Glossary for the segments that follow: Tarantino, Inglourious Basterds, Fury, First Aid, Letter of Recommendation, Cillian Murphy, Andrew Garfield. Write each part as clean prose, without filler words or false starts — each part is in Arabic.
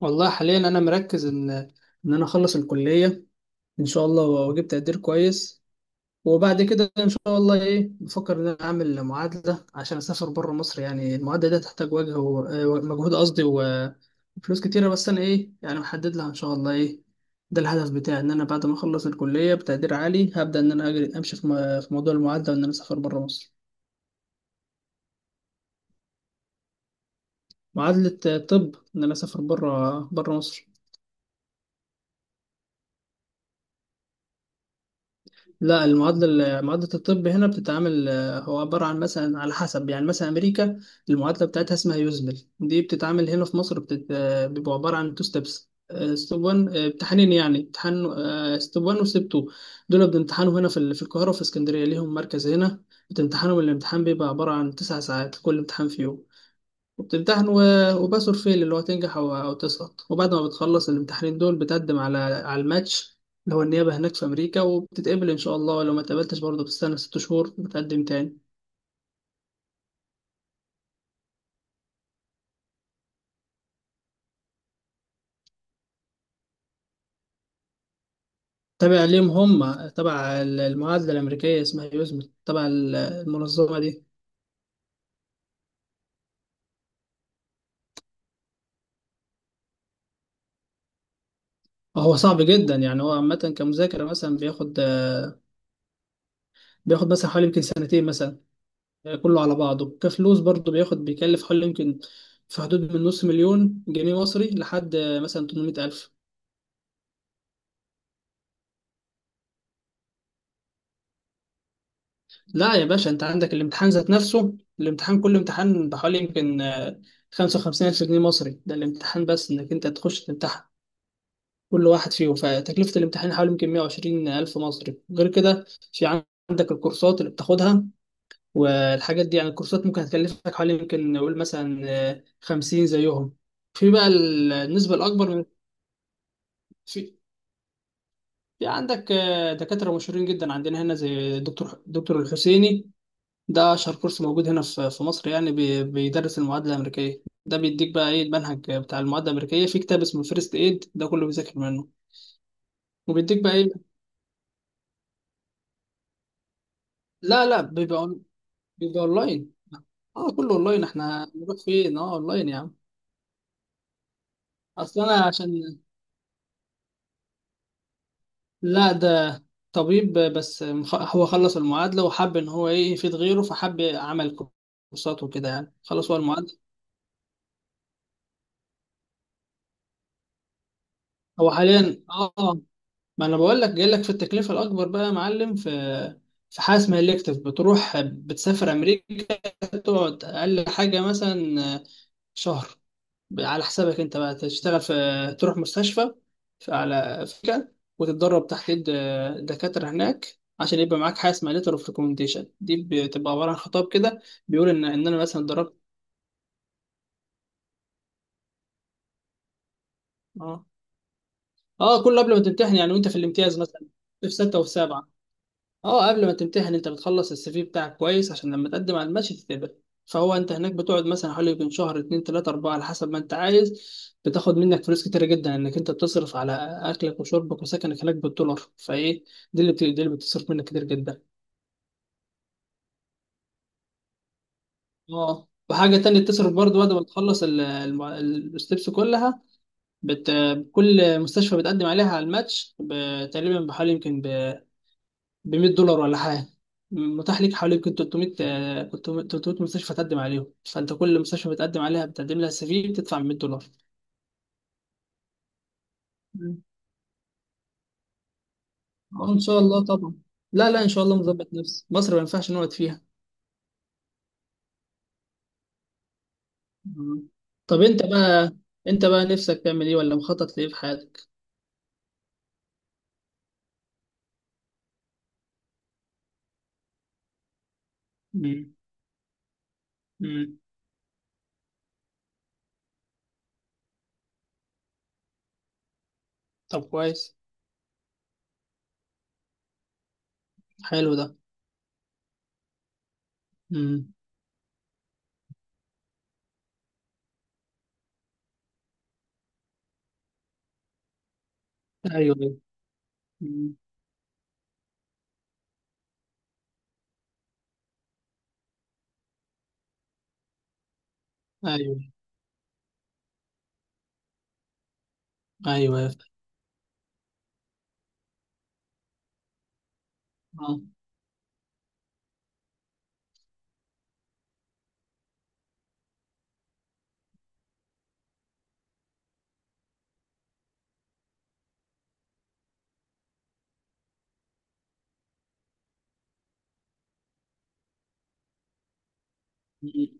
والله حاليا انا مركز ان انا اخلص الكليه ان شاء الله واجيب تقدير كويس. وبعد كده ان شاء الله ايه بفكر ان انا اعمل معادله عشان اسافر بره مصر. يعني المعادله دي تحتاج وجه ومجهود، وفلوس كتيره. بس انا ايه يعني محدد لها ان شاء الله ايه، ده الهدف بتاعي. ان انا بعد ما اخلص الكليه بتقدير عالي هبدا ان انا أجري امشي في موضوع المعادله وان انا اسافر بره مصر. معادله طب ان انا اسافر بره مصر. لا المعادلة معادلة الطب هنا بتتعامل، هو عبارة عن مثلا على حسب، يعني مثلا أمريكا المعادلة بتاعتها اسمها يوزمل. دي بتتعامل هنا في مصر بتت... آه، بيبقى عبارة عن تو ستيبس. ستيب 1 امتحانين، يعني امتحان ستيب 1 وستيب 2. دول بنمتحنهم هنا في القاهرة وفي اسكندرية، ليهم مركز هنا. بتمتحنهم. الامتحان بيبقى عبارة عن 9 ساعات، كل امتحان فيهم. وبتمتحن و... وباس اور فيل اللي هو تنجح أو تسقط. وبعد ما بتخلص الامتحانين دول بتقدم على الماتش اللي هو النيابة هناك في أمريكا، وبتتقبل إن شاء الله. ولو ما اتقبلتش برضه بتستنى 6 شهور وبتقدم تاني. تابع ليهم، هم تبع المعادلة الأمريكية، اسمها يوزمل، تبع المنظمة دي. هو صعب جدا يعني. هو عامة كمذاكرة مثلا بياخد مثلا حوالي يمكن سنتين مثلا. كله على بعضه كفلوس برضه بياخد، بيكلف حوالي يمكن في حدود من نص مليون جنيه مصري لحد مثلا 800 ألف. لا يا باشا، انت عندك الامتحان ذات نفسه. الامتحان كل امتحان بحوالي يمكن 55 الف جنيه مصري. ده الامتحان بس، انك انت تخش تمتحن كل واحد فيهم. فتكلفة الامتحان حوالي يمكن 120 الف مصري. غير كده في عندك الكورسات اللي بتاخدها والحاجات دي. يعني الكورسات ممكن هتكلفك حوالي يمكن نقول مثلا 50 زيهم. في بقى النسبة الأكبر من. في في عندك دكاترة مشهورين جدا عندنا هنا، زي دكتور الحسيني. ده أشهر كورس موجود هنا في مصر يعني. بيدرس المعادلة الأمريكية. ده بيديك بقى إيه، المنهج بتاع المعادلة الأمريكية في كتاب اسمه فيرست إيد، ده كله بيذاكر منه. وبيديك بقى إيه. لا لا، بيبقى بيبقى أونلاين. أه كله أونلاين، إحنا نروح فين؟ أونلاين يا عم. أصل أنا عشان، لا، ده طبيب، هو خلص المعادلة وحب إن هو إيه يفيد غيره، فحب عمل كورسات وكده يعني. خلص هو المعادلة. هو حاليا ما انا بقول لك، جاي لك في التكلفه الاكبر بقى يا معلم. في حاجه اسمها الكتف، بتروح بتسافر امريكا، تقعد اقل حاجه مثلا شهر، على حسابك انت بقى، تشتغل في، تروح مستشفى في، على فكره، وتتدرب تحت ايد دكاتره هناك، عشان يبقى معاك حاجه اسمها ليتر اوف ريكومنديشن. دي بتبقى عباره عن خطاب كده بيقول ان ان انا مثلا اتدربت. اه، اه كله قبل ما تمتحن يعني، وانت في الامتياز مثلا في سته وفي سبعه. اه قبل ما تمتحن انت بتخلص السي في بتاعك كويس عشان لما تقدم على المشي تتقبل. فهو انت هناك بتقعد مثلا حوالي يمكن شهر، اتنين، تلاتة، اربعة، على حسب ما انت عايز. بتاخد منك فلوس كتيرة جدا، انك انت بتصرف على اكلك وشربك وسكنك هناك بالدولار، فايه دي اللي بتصرف منك كتير جدا. اه، وحاجة تانية بتصرف برضه بعد ما تخلص الستبس كلها. بت... كل مستشفى بتقدم عليها على الماتش تقريبا بحوالي يمكن ب 100 دولار ولا حاجه. متاح ليك حوالي يمكن 300 300 300 مستشفى تقدم عليهم. فانت كل مستشفى بتقدم عليها، بتقدم لها سي في، بتدفع 100 دولار. مم. اه ان شاء الله طبعا. لا لا، ان شاء الله مظبط نفسي، مصر ما ينفعش نقعد فيها. مم. طب انت بقى نفسك تعمل ايه ولا مخطط لايه في حياتك؟ مم. مم. طب كويس. حلو ده. مم. ايوه ايوه. مم. ايوه ايوه اه. مم.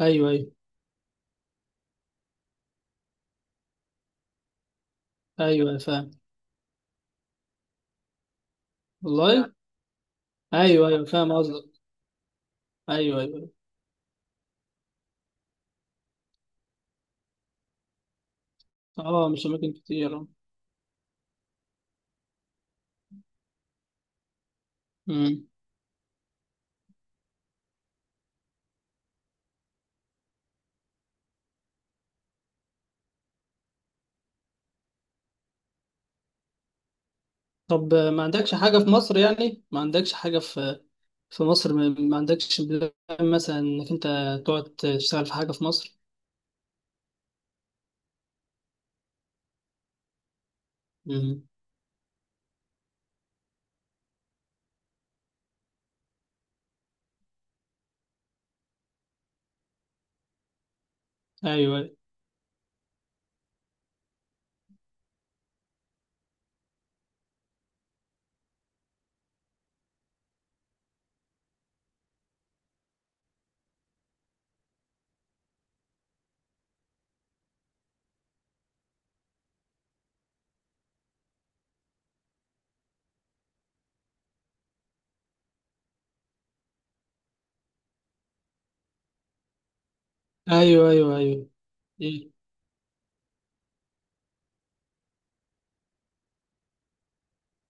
ايوه ايوه ايوه يا فاهم. والله. ايوه ايوه فاهم قصدك. ايوه ايوه. اه مش اماكن كتير آه. مم. طب، ما عندكش حاجه في مصر؟ يعني ما عندكش حاجه في مصر؟ ما عندكش بلان مثلا انك انت تقعد تشتغل في حاجه في مصر؟ مم. ايوه ايوه ايوه ايوه. إيه؟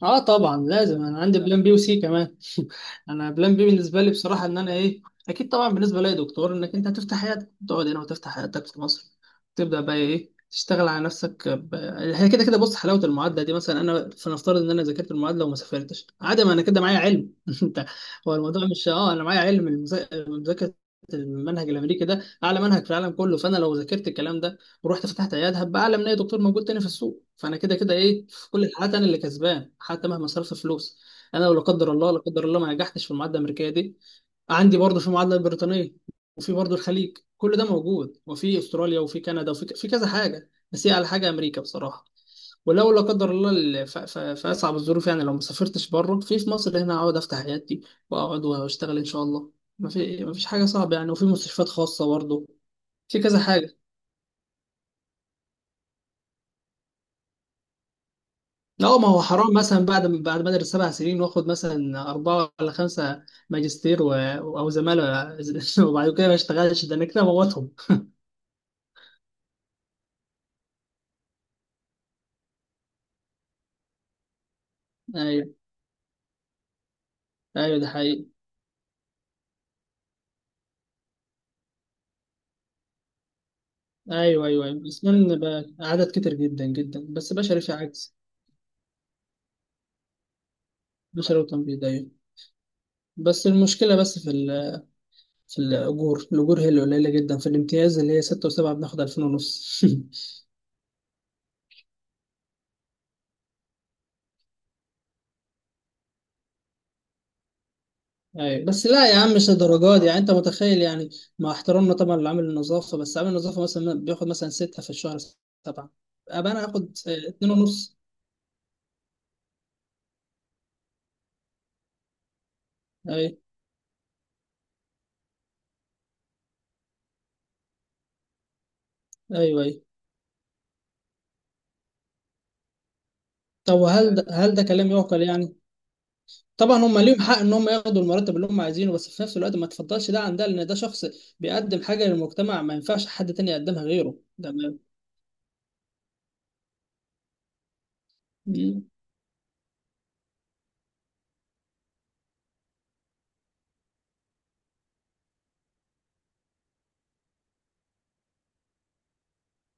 اه طبعا، لازم انا عندي بلان بي وسي كمان. انا بلان بي بالنسبه لي بصراحه، ان انا ايه، اكيد طبعا بالنسبه لي دكتور، انك انت هتفتح حياتك، تقعد هنا وتفتح حياتك في مصر، تبدا بقى ايه، تشتغل على نفسك. هي كده كده بص، حلاوه المعادله دي مثلا، انا فنفترض ان انا ذاكرت المعادله وما سافرتش، عادي، ما انا كده معايا علم. انت هو الموضوع مش، انا معايا علم مذاكره. المنهج الامريكي ده اعلى منهج في العالم كله. فانا لو ذاكرت الكلام ده ورحت فتحت عيادة هبقى اعلى من اي دكتور موجود تاني في السوق. فانا كده كده ايه، في كل الحالات انا اللي كسبان، حتى مهما صرفت فلوس. انا لو لا قدر الله لا قدر الله ما نجحتش في المعادله الامريكيه دي، عندي برضه في المعادله البريطانيه، وفي برضه الخليج كل ده موجود، وفي استراليا، وفي كندا، وفي في كذا حاجه، بس هي على حاجه امريكا بصراحه. ولو لا قدر الله، في اصعب الظروف يعني، لو ما سافرتش بره، في مصر هنا اقعد افتح عيادتي واقعد واشتغل ان شاء الله. ما فيش حاجه صعبه يعني. وفي مستشفيات خاصه برضه، في كذا حاجه. اه، ما هو حرام مثلا بعد ما ادرس 7 سنين، واخد مثلا اربعه ولا خمسه ماجستير او زماله، وبعد كده ما اشتغلش؟ ده انا كده موتهم. ايوه ايوه ده حقيقي. ايوه ايوه ايوه، اسنان بقى عدد كتير جدا جدا، بس بشري في عجز. بشري وتمريض ايوه. بس المشكله بس في في الاجور هي اللي قليله جدا. في الامتياز اللي هي سته وسبعه بناخد 2000 ونص. أيوة. بس لا يا عم مش الدرجات دي. يعني انت متخيل يعني، مع احترامنا طبعا لعامل النظافه، بس عامل النظافه مثلا بياخد مثلا سته في الشهر، سبعه، ابقى انا اخد اتنين ونص. ايوه ايوه ايوه. طب وهل ده هل ده كلام يعقل يعني؟ طبعا هم ليهم حق ان هم ياخدوا المرتب اللي هم عايزينه، بس في نفس الوقت ما تفضلش ده عن ده، لان ده شخص بيقدم حاجه للمجتمع ما ينفعش حد تاني يقدمها غيره ده.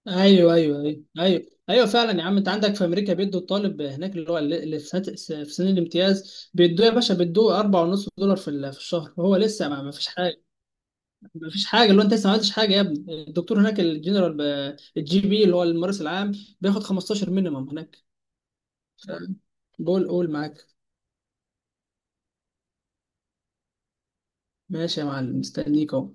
ايوه ايوه ايوه ايوه. ايوه فعلا يا عم، انت عندك في امريكا بيدوا الطالب هناك اللي هو، اللي في سنه، في سنه الامتياز، بيدوه يا باشا، بيدوه 4.5 دولار في الشهر، وهو لسه ما فيش حاجه. ما فيش حاجه، اللي هو انت لسه ما عملتش حاجه يا ابني. الدكتور هناك الجنرال الجي بي اللي هو الممارس العام بياخد 15 مينيمم هناك. بقول قول معاك. ماشي يا معلم، مستنيك اهو.